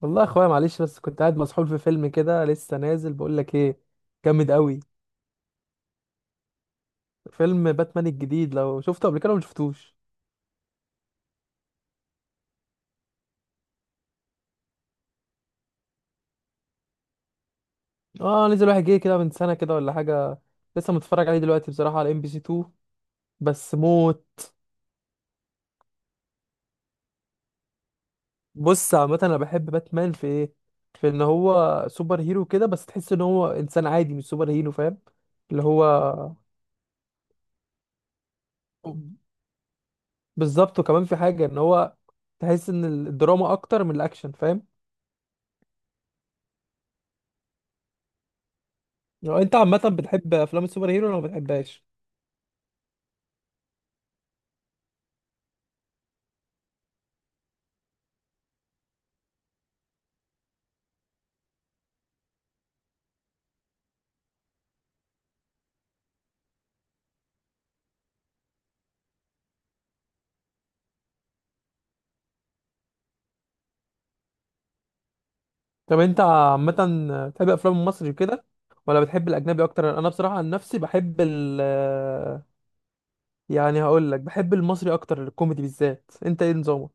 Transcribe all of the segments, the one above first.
والله يا اخويا معلش، بس كنت قاعد مسحول في فيلم كده، لسه نازل. بقول لك ايه؟ جامد قوي. فيلم باتمان الجديد، لو شفته قبل كده ولا شفتوش؟ اه نزل واحد جه كده من سنه كده ولا حاجه. لسه متفرج عليه دلوقتي بصراحه على ام بي سي 2. بس موت. بص عامه، انا بحب باتمان في ايه؟ في ان هو سوبر هيرو كده بس تحس ان هو انسان عادي مش سوبر هيرو، فاهم؟ اللي هو بالظبط. وكمان في حاجه ان هو تحس ان الدراما اكتر من الاكشن، فاهم؟ لو انت عامه بتحب افلام السوبر هيرو ولا ما بتحبهاش؟ طب انت عامة بتحب افلام المصري وكده ولا بتحب الاجنبي اكتر؟ انا بصراحة عن نفسي بحب ال، يعني هقول لك بحب المصري اكتر، الكوميدي بالذات. انت ايه نظامك؟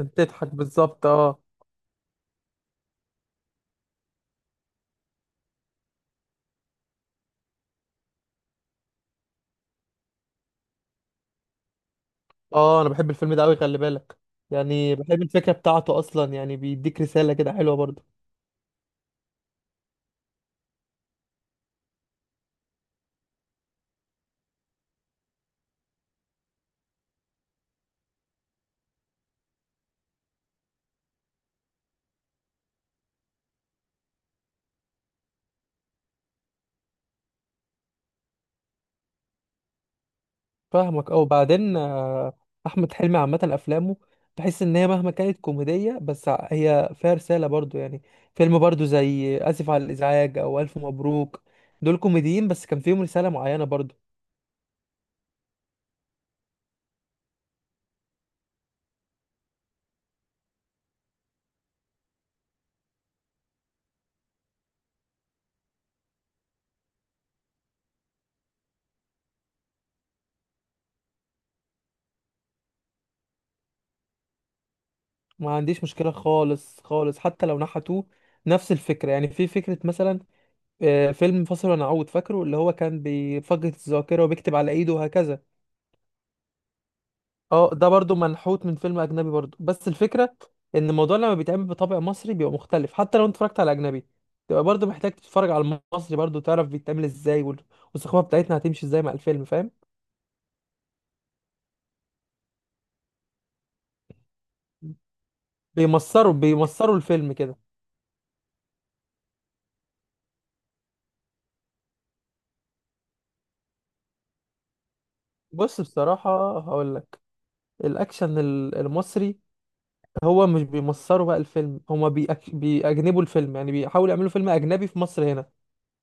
انت تضحك بالظبط. اه اه، انا بحب الفيلم ده قوي خلي بالك. يعني بحب الفكرة بتاعته اصلا، يعني بيديك رسالة كده حلوة برضه. فاهمك. او بعدين احمد حلمي عامه افلامه بحس ان هي مهما كانت كوميديه، بس هي فيها رساله برضو يعني. فيلم برضو زي اسف على الازعاج او الف مبروك، دول كوميديين بس كان فيهم رساله معينه برضو. ما عنديش مشكله خالص خالص، حتى لو نحتوه نفس الفكره. يعني في فكره مثلا، فيلم فاصل ونعود، فاكره؟ اللي هو كان بيفقد الذاكره وبيكتب على ايده وهكذا. اه ده برضو منحوت من فيلم اجنبي برضو، بس الفكره ان الموضوع لما بيتعمل بطابع مصري بيبقى مختلف. حتى لو انت اتفرجت على اجنبي، تبقى برضو محتاج تتفرج على المصري برضو، تعرف بيتعمل ازاي والثقافه بتاعتنا هتمشي ازاي مع الفيلم، فاهم؟ بيمصروا الفيلم كده. بص بصراحه هقول لك، الاكشن المصري، هو مش بيمصروا بقى الفيلم، هما بيأجنبوا الفيلم، يعني بيحاولوا يعملوا فيلم اجنبي في مصر هنا.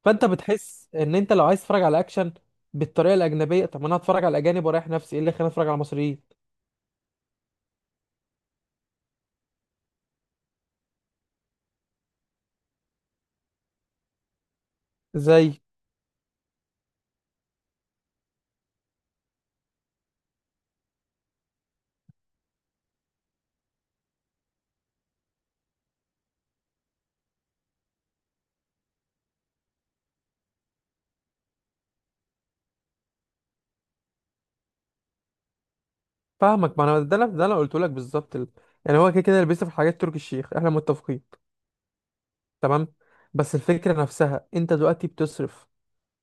فانت بتحس ان انت لو عايز تتفرج على اكشن بالطريقه الاجنبيه، طب ما انا هتفرج على الاجانب. ورايح نفسي ايه اللي خلاني اتفرج على المصريين؟ زي، فاهمك، ما انا ده انا قلت لك بالظبط يعني هو كده كده اللي بيصرف، حاجات تركي الشيخ، احنا متفقين. تمام. بس الفكره نفسها، انت دلوقتي بتصرف،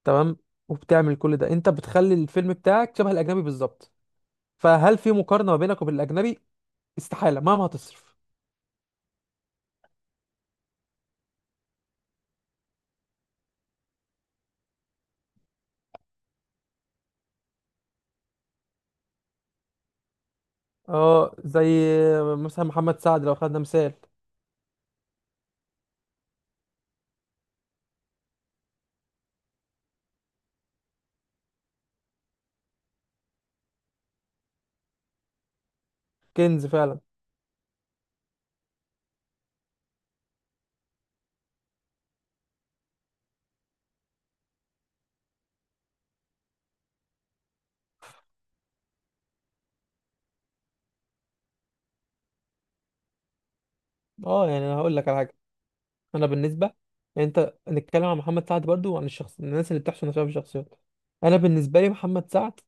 تمام، وبتعمل كل ده، انت بتخلي الفيلم بتاعك شبه الاجنبي بالظبط. فهل في مقارنه ما بينك وبين الاجنبي؟ استحاله مهما هتصرف. اه زي مثلا محمد سعد لو خدنا مثال. كنز فعلا. اه يعني انا هقول لك على حاجه. انا بالنسبه، يعني انت نتكلم عن محمد سعد برضو وعن الناس اللي بتحصل نفسها في الشخصيات. انا بالنسبه لي محمد سعد،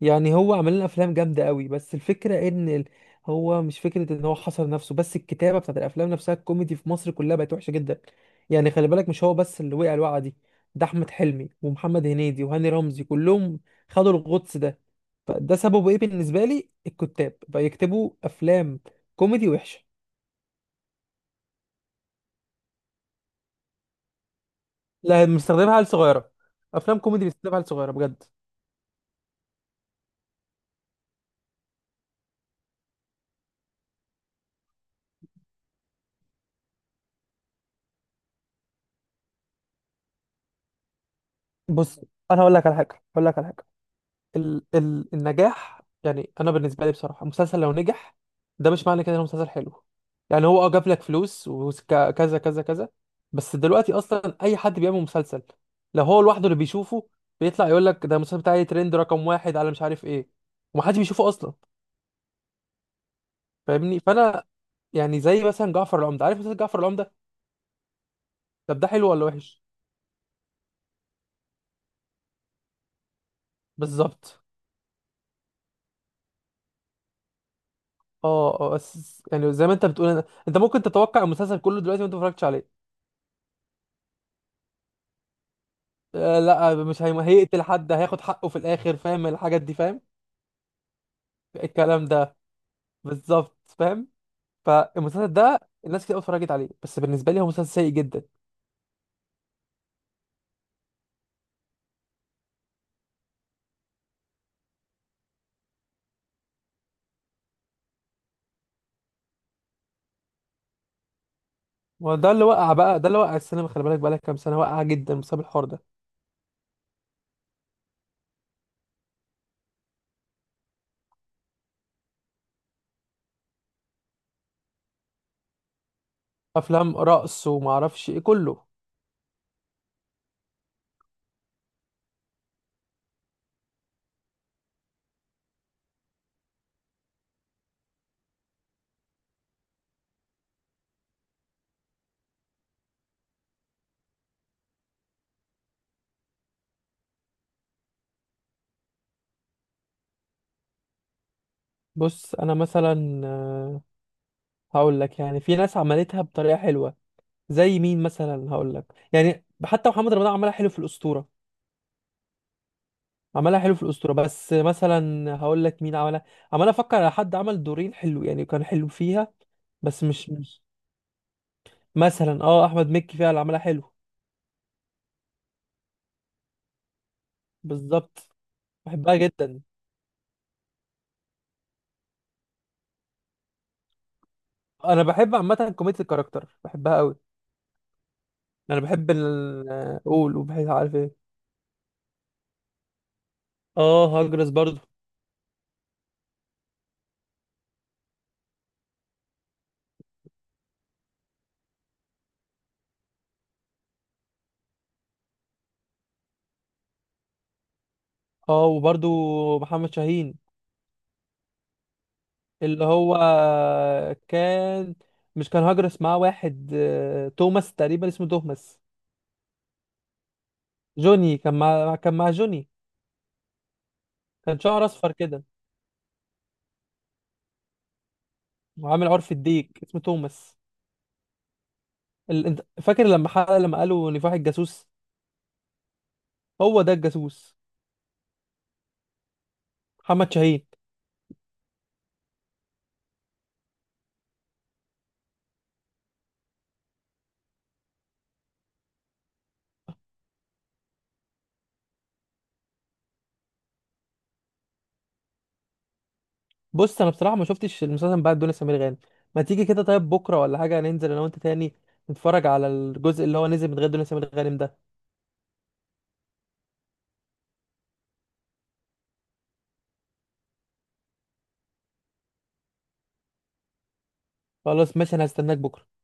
يعني هو عمل لنا افلام جامده قوي، بس الفكره ان هو مش فكره ان هو حصر نفسه، بس الكتابه بتاعت الافلام نفسها، الكوميدي في مصر كلها بقت وحشه جدا. يعني خلي بالك، مش هو بس اللي وقع الوقعه دي، ده احمد حلمي ومحمد هنيدي وهاني رمزي كلهم خدوا الغطس ده. فده سببه ايه بالنسبه لي؟ الكتاب بقى يكتبوا افلام كوميدي وحشه. لا، مستخدمها عيال صغيره، افلام كوميدي بيستخدمها عيال صغيره بجد. بص انا هقول لك على حاجه. ال ال النجاح، يعني انا بالنسبه لي بصراحه، المسلسل لو نجح، ده مش معنى كده انه مسلسل حلو. يعني هو اه جاب لك فلوس وكذا كذا كذا، بس دلوقتي اصلا اي حد بيعمل مسلسل لو هو لوحده اللي بيشوفه بيطلع يقول لك ده المسلسل بتاعي ترند رقم واحد على مش عارف ايه، ومحدش بيشوفه اصلا. فاهمني؟ يعني زي مثلا جعفر العمدة، عارف مسلسل جعفر العمدة؟ طب ده حلو ولا وحش؟ بالظبط. اه اه، بس يعني زي ما انت بتقول، انت ممكن تتوقع المسلسل كله دلوقتي وانت ما اتفرجتش عليه. لا مش هي... هيقتل حد، هياخد حقه في الاخر، فاهم الحاجات دي فاهم؟ الكلام ده بالظبط، فاهم. فالمسلسل ده، الناس كتير قوي اتفرجت عليه، بس بالنسبه لي هو مسلسل سيء جدا. وده اللي وقع بقى، ده اللي وقع. السينما خلي بالك بقى لك كام سنه وقع جدا بسبب الحوار ده. افلام رقص وما اعرفش ايه كله. بص انا مثلا، هقول لك، يعني في ناس عملتها بطريقه حلوه. زي مين مثلا هقول لك؟ يعني حتى محمد رمضان عملها حلو في الاسطوره، عملها حلو في الأسطورة. بس مثلا هقول لك مين عملها، عمال أفكر على حد عمل دورين حلو يعني، كان حلو فيها. بس مش مثلا، اه أحمد مكي فيها اللي عملها حلو. بالظبط، بحبها جدا. أنا بحب عامة كوميديا الكاركتر، بحبها أوي. أنا بحب ال قول وبحب عارف إيه. اه هجرس برضو. اه وبرضو محمد شاهين، اللي هو كان، مش كان هجرس معاه واحد توماس تقريبا، اسمه توماس. جوني، كان مع جوني. كان شعر أصفر كده، وعامل عرف الديك، اسمه توماس. انت فاكر لما حلقة لما قالوا نفاح الجاسوس؟ هو ده الجاسوس، محمد شاهين. بص انا بصراحة ما شفتش المسلسل بعد دنيا سمير غانم. ما تيجي كده طيب بكرة ولا حاجة، ننزل انا وانت تاني، نتفرج على الجزء اللي هو نزل من غير دنيا سمير غانم ده. خلاص ماشي، انا هستناك بكرة.